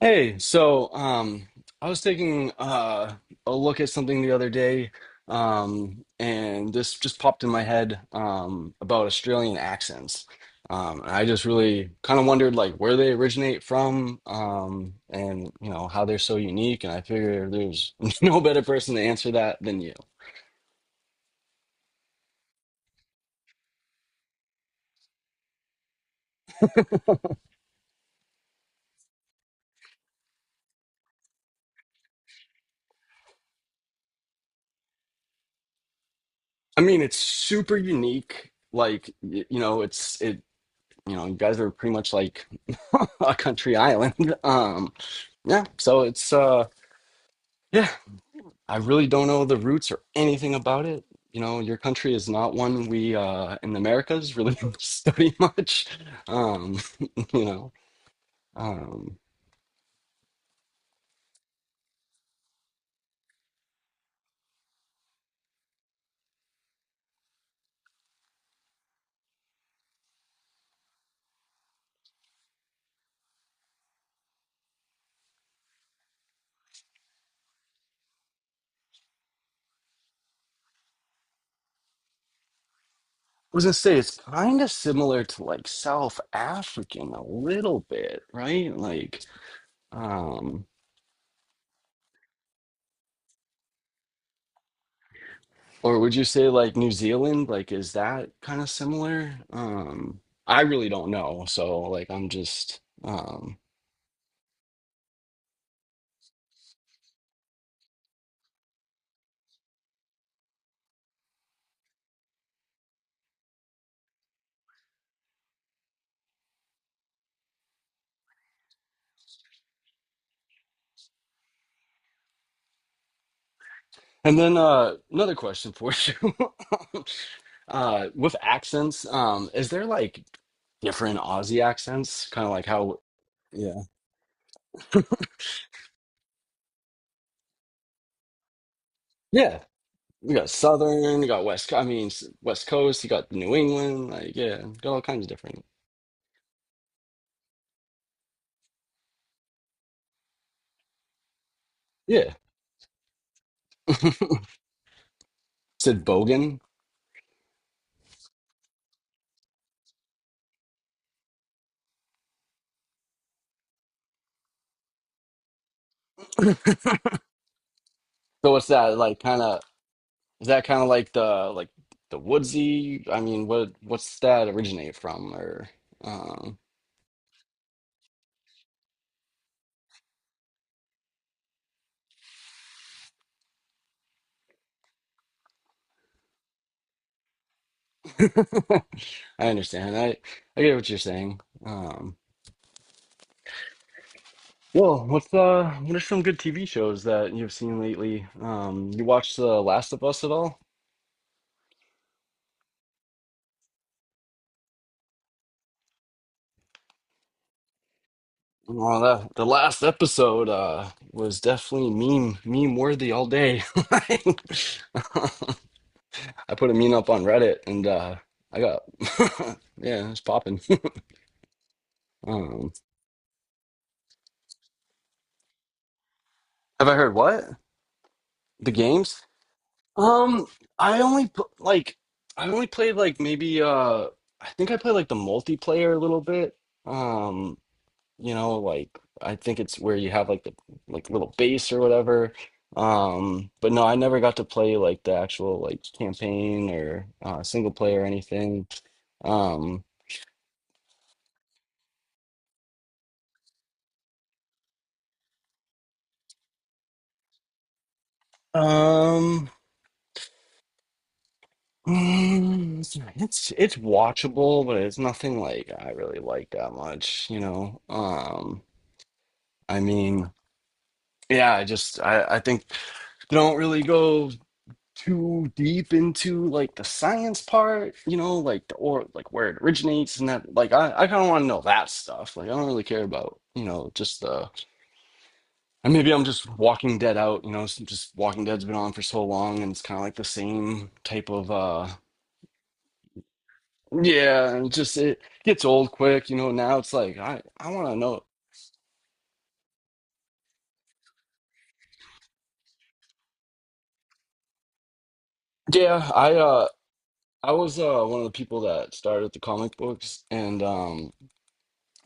Hey, I was taking a look at something the other day, and this just popped in my head about Australian accents. And I just really kind of wondered like where they originate from, and you know how they're so unique. And I figure there's no better person to answer that than you. I mean, it's super unique. Like you know, it's it. You know, you guys are pretty much like a country island. Um, yeah, so it's Yeah, I really don't know the roots or anything about it. You know, your country is not one we in the Americas really study much. Um, you know, um, I was gonna say it's kind of similar to like South African a little bit, right? Um, or would you say like New Zealand? Like, is that kind of similar? I really don't know. I'm just, and then another question for you. With accents, is there like different Aussie accents? Kind of like how, yeah, yeah. You got Southern, you got West. I mean, West Coast. You got New England. Like, yeah, got all kinds of different. Yeah, said Bogan. So what's that like? Is that kind of like the woodsy? I mean, what's that originate from? Or um, I understand. I get what you're saying. um, Well, what are some good TV shows that you've seen lately? You watched The Last of Us at all? Well, that the last episode was definitely meme worthy all day. I put a meme up on Reddit and I got yeah, it's popping. Um, have I heard what? The games? Um, I only pl- like I only played like maybe I think I played like the multiplayer a little bit. Um, you know like I think it's where you have like the like little base or whatever, um, but no, I never got to play like the actual like campaign or single player or anything. um um mm, it's it's watchable but it's nothing like I really like that much, you know. I mean yeah, I just I think they don't really go too deep into like the science part, you know, like the or like where it originates and that. Like I kind of want to know that stuff. Like I don't really care about, you know, just the and maybe I'm just Walking Dead out, you know, just Walking Dead's been on for so long and it's kind of like the same type of Yeah, and just it gets old quick, you know. Now it's like I want to know. Yeah, I uh I was one of the people that started the comic books, and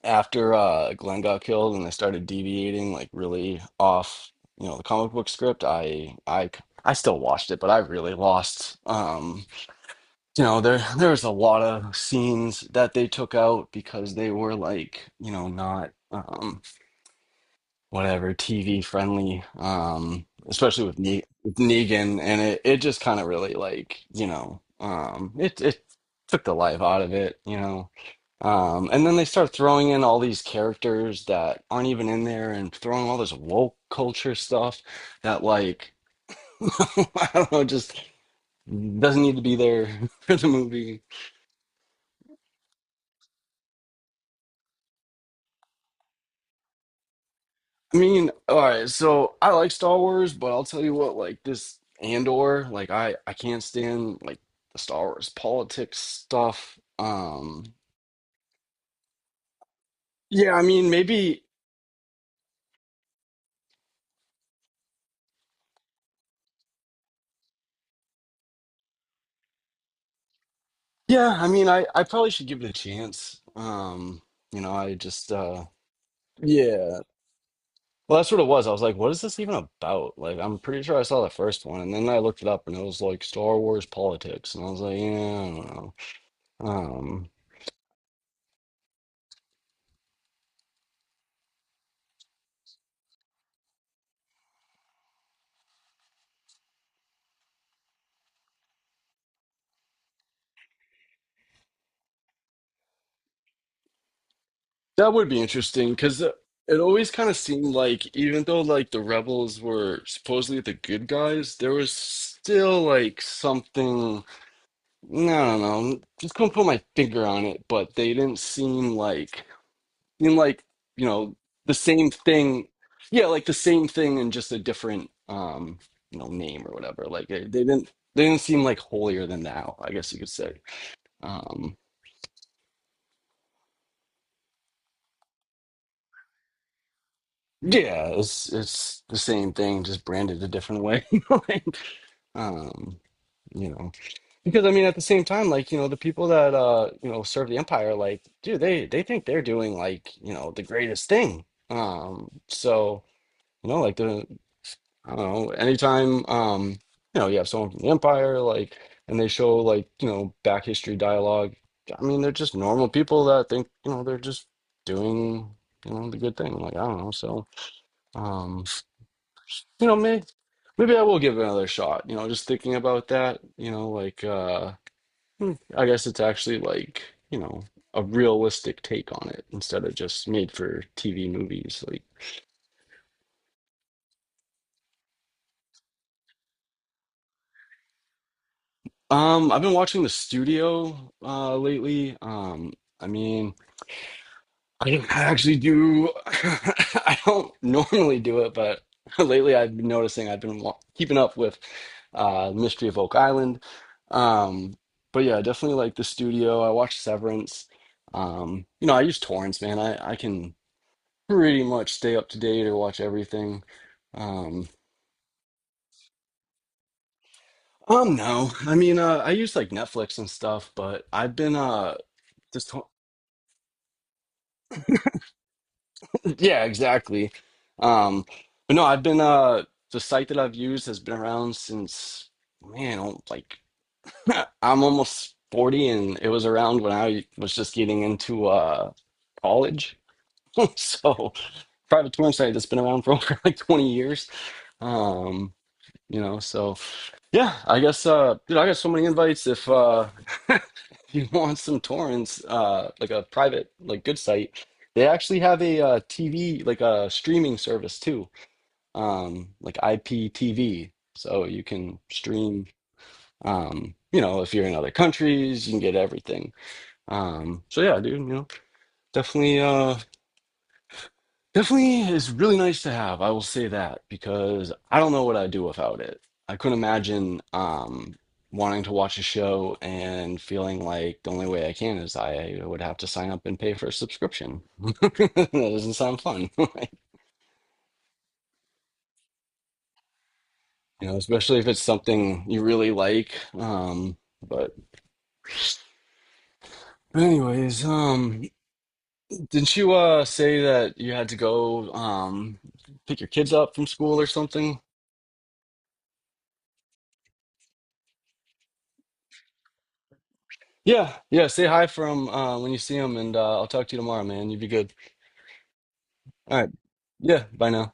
after Glenn got killed, and I started deviating like really off, you know, the comic book script. I still watched it, but I really lost. You know, there was a lot of scenes that they took out because they were like, you know, not, whatever, TV friendly, especially with, with Negan, and it just kind of really like, you know, it it took the life out of it, you know, and then they start throwing in all these characters that aren't even in there, and throwing all this woke culture stuff that like I don't know, just doesn't need to be there for the movie. I mean, all right, so I like Star Wars, but I'll tell you what, like this Andor, like I can't stand like the Star Wars politics stuff. Yeah, I mean, maybe yeah, I mean, I probably should give it a chance. You know, I just Yeah. Well, that's what it was. I was like, what is this even about? Like, I'm pretty sure I saw the first one, and then I looked it up, and it was like Star Wars politics, and I was like, yeah, I don't know. Um, That would be interesting because it always kind of seemed like even though like the rebels were supposedly the good guys, there was still like something, I don't know, just couldn't put my finger on it, but they didn't seem like, you know, the same thing. Yeah, like the same thing in just a different, you know, name or whatever. Like they didn't seem like holier than thou, I guess you could say. Um, yeah, it's the same thing, just branded a different way. um you know, because I mean at the same time like, you know, the people that you know serve the empire, like dude, they think they're doing like, you know, the greatest thing. um so you know like the I don't know, anytime, you know, you have someone from the empire like and they show like, you know, back history dialogue, I mean they're just normal people that think, you know, they're just doing, you know, the good thing. Like I don't know. Um you know, maybe I will give it another shot, you know, just thinking about that, you know, Hmm, I guess it's actually like, you know, a realistic take on it instead of just made for TV movies. Like, I've been watching The Studio lately. I mean, I don't actually do I don't normally do it, but lately I've been noticing I've been keeping up with Mystery of Oak Island. Um, but yeah, I definitely like The Studio. I watched Severance. You know, I use torrents, man. I can pretty much stay up to date or watch everything. Um, no, I mean, I use like Netflix and stuff, but I've been just Yeah, exactly. Um, but no, I've been The site that I've used has been around since man, I like I'm almost 40, and it was around when I was just getting into college. So, private touring site that's been around for over like 20 years. Um, you know, so. Yeah, dude, I got so many invites if if you want some torrents, like a private like good site. They actually have a TV like a streaming service too. Um, like IPTV. So you can stream, you know, if you're in other countries, you can get everything. Yeah, dude, you know, definitely uh definitely is really nice to have. I will say that because I don't know what I'd do without it. I couldn't imagine, wanting to watch a show and feeling like the only way I can is I would have to sign up and pay for a subscription. That doesn't sound fun, you know, especially if it's something you really like. But Anyways, didn't you say that you had to go pick your kids up from school or something? Yeah, yeah. Say hi from when you see him, and I'll talk to you tomorrow, man. You'd be good. All right. Yeah. Bye now.